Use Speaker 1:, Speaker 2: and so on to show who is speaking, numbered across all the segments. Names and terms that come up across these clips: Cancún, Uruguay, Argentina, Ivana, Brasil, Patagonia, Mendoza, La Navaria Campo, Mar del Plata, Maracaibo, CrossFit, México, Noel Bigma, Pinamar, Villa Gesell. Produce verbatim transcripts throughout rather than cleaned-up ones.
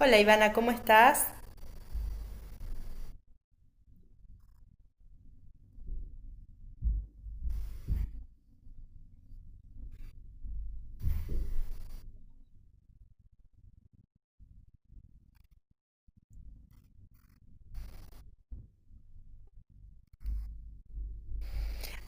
Speaker 1: Hola Ivana, ¿cómo estás?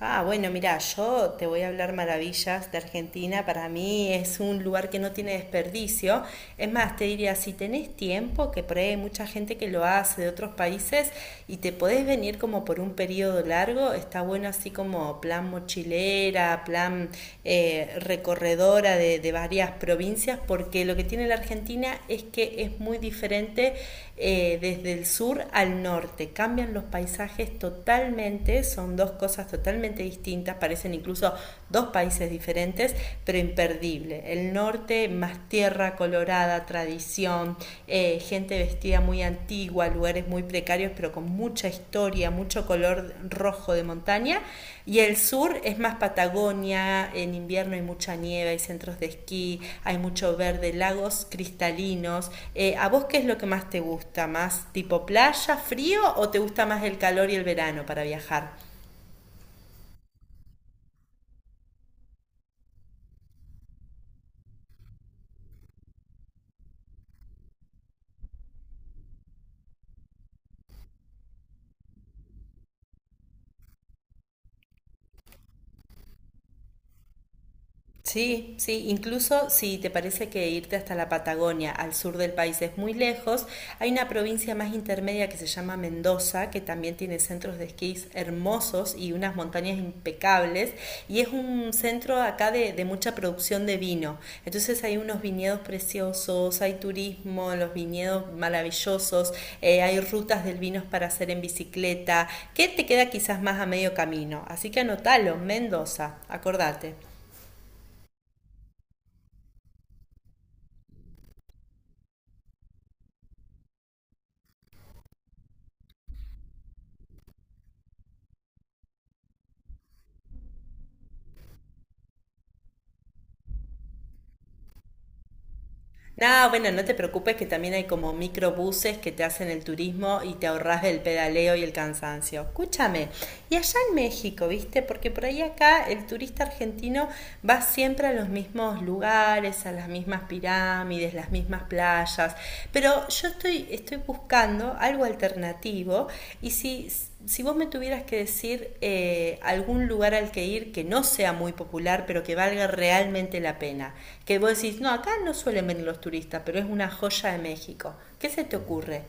Speaker 1: Ah, bueno, mira, yo te voy a hablar maravillas de Argentina. Para mí es un lugar que no tiene desperdicio. Es más, te diría, si tenés tiempo, que por ahí hay mucha gente que lo hace de otros países y te podés venir como por un periodo largo, está bueno así como plan mochilera, plan eh, recorredora de, de varias provincias, porque lo que tiene la Argentina es que es muy diferente eh, desde el sur al norte. Cambian los paisajes totalmente, son dos cosas cosas totalmente distintas, parecen incluso dos países diferentes, pero imperdible. El norte más tierra colorada, tradición, eh, gente vestida muy antigua, lugares muy precarios, pero con mucha historia, mucho color rojo de montaña. Y el sur es más Patagonia, en invierno hay mucha nieve, hay centros de esquí, hay mucho verde, lagos cristalinos. Eh, ¿A vos qué es lo que más te gusta? ¿Más tipo playa, frío o te gusta más el calor y el verano para viajar? Sí, sí, incluso si te parece que irte hasta la Patagonia, al sur del país, es muy lejos, hay una provincia más intermedia que se llama Mendoza, que también tiene centros de esquís hermosos y unas montañas impecables, y es un centro acá de, de mucha producción de vino. Entonces hay unos viñedos preciosos, hay turismo, los viñedos maravillosos, eh, hay rutas del vino para hacer en bicicleta, que te queda quizás más a medio camino. Así que anotalo, Mendoza, acordate. No, bueno, no te preocupes que también hay como microbuses que te hacen el turismo y te ahorras del pedaleo y el cansancio. Escúchame, y allá en México, ¿viste? Porque por ahí acá el turista argentino va siempre a los mismos lugares, a las mismas pirámides, las mismas playas. Pero yo estoy, estoy buscando algo alternativo y si, si vos me tuvieras que decir eh, algún lugar al que ir que no sea muy popular, pero que valga realmente la pena, que vos decís, no, acá no suelen venir los turistas, pero es una joya de México, ¿qué se te ocurre?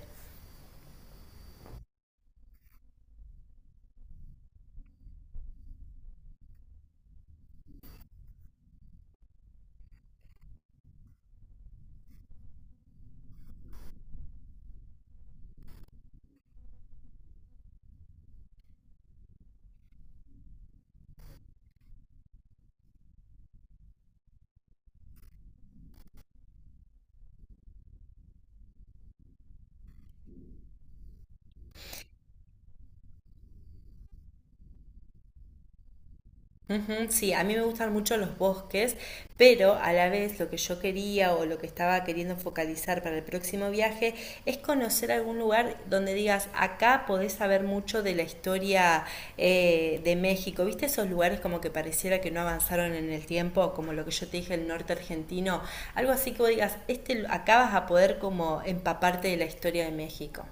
Speaker 1: Ujú. Sí, a mí me gustan mucho los bosques, pero a la vez lo que yo quería o lo que estaba queriendo focalizar para el próximo viaje es conocer algún lugar donde digas, acá podés saber mucho de la historia eh, de México. ¿Viste esos lugares como que pareciera que no avanzaron en el tiempo, como lo que yo te dije, el norte argentino? Algo así que vos digas, este, lu- acá vas a poder como empaparte de la historia de México.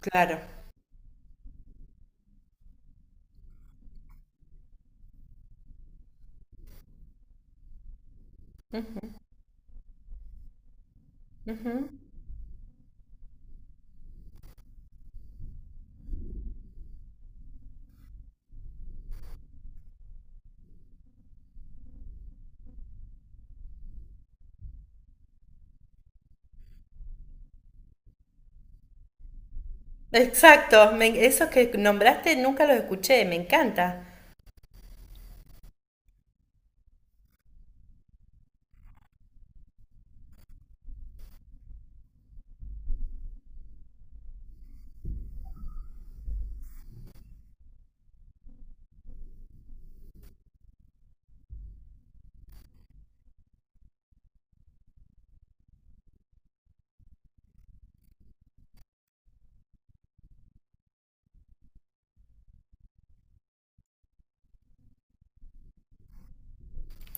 Speaker 1: Claro. Ujú. Exacto, me- esos que nombraste nunca los escuché, me encanta.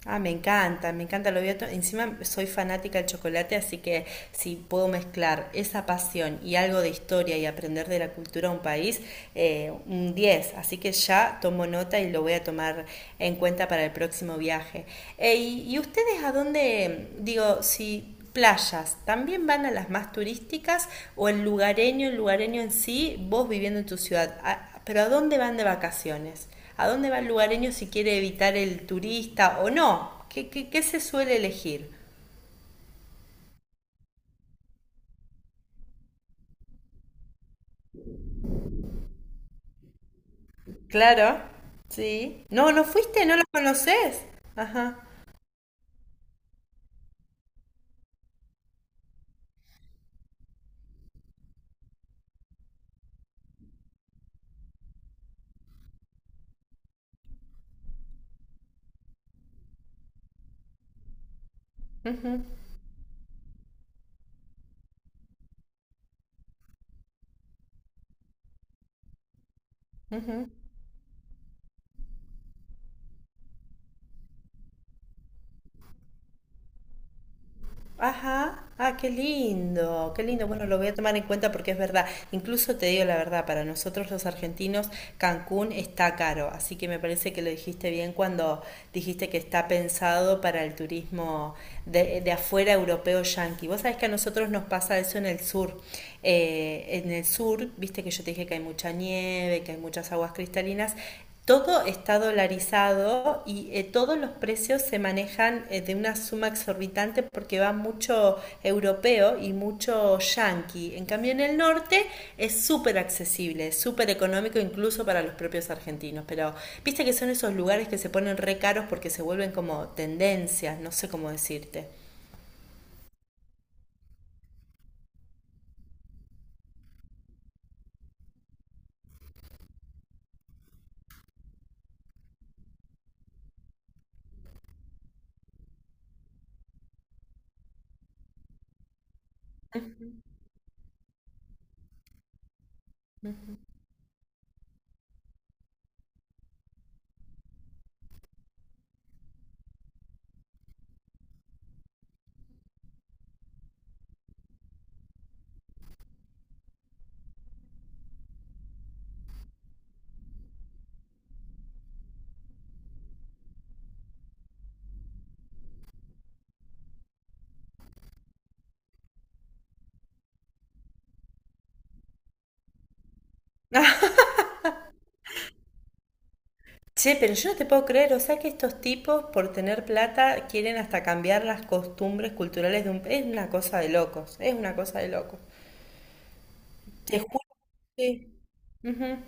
Speaker 1: Ah, me encanta, me encanta lo bioto. Encima soy fanática del chocolate, así que si puedo mezclar esa pasión y algo de historia y aprender de la cultura de un país, eh, un diez. Así que ya tomo nota y lo voy a tomar en cuenta para el próximo viaje. Eh, y, ¿Y ustedes a dónde, digo, si playas, también van a las más turísticas o el lugareño, el lugareño en sí, vos viviendo en tu ciudad? A- pero ¿a dónde van de vacaciones? ¿A dónde va el lugareño si quiere evitar el turista o no? ¿Qué, qué, qué se suele elegir? Claro, sí. No, no fuiste, no lo conoces. Ajá. Ajá, ah, qué lindo, qué lindo. Bueno, lo voy a tomar en cuenta porque es verdad. Incluso te digo la verdad, para nosotros los argentinos, Cancún está caro, así que me parece que lo dijiste bien cuando dijiste que está pensado para el turismo de, de afuera europeo yanqui. Vos sabés que a nosotros nos pasa eso en el sur. Eh, en el sur, viste que yo te dije que hay mucha nieve, que hay muchas aguas cristalinas. Todo está dolarizado y eh, todos los precios se manejan eh, de una suma exorbitante porque va mucho europeo y mucho yanqui. En cambio, en el norte es súper accesible, súper económico incluso para los propios argentinos. Pero viste que son esos lugares que se ponen re caros porque se vuelven como tendencias, no sé cómo decirte. Ah, che, pero yo no te puedo creer, o sea que estos tipos por tener plata quieren hasta cambiar las costumbres culturales de un… Es una cosa de locos, es una cosa de locos. Te juro que… Ujú,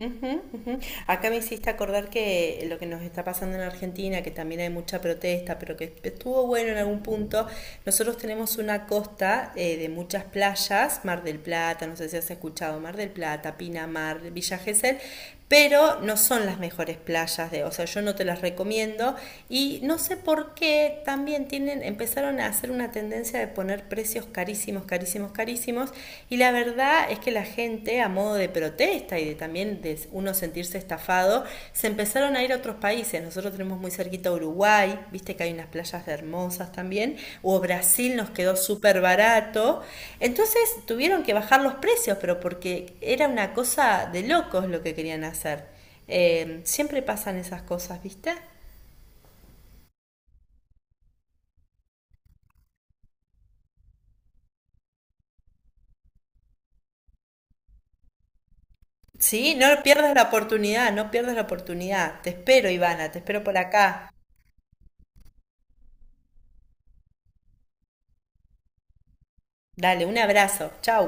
Speaker 1: ujú, ujú. Acá me hiciste acordar que lo que nos está pasando en Argentina, que también hay mucha protesta, pero que estuvo bueno en algún punto, nosotros tenemos una costa eh, de muchas playas, Mar del Plata, no sé si has escuchado, Mar del Plata, Pinamar, Villa Gesell, pero no son las mejores playas de, o sea, yo no te las recomiendo y no sé por qué también tienen empezaron a hacer una tendencia de poner precios carísimos, carísimos, carísimos y la verdad es que la gente a modo de protesta y de también de uno sentirse estafado se empezaron a ir a otros países, nosotros tenemos muy cerquita Uruguay, viste que hay unas playas hermosas también, o Brasil nos quedó súper barato, entonces tuvieron que bajar los precios, pero porque era una cosa de locos lo que querían hacer. Eh, siempre pasan esas cosas, ¿viste? Sí, no pierdas la oportunidad, no pierdas la oportunidad. Te espero, Ivana, te espero por acá. Dale, un abrazo, chau.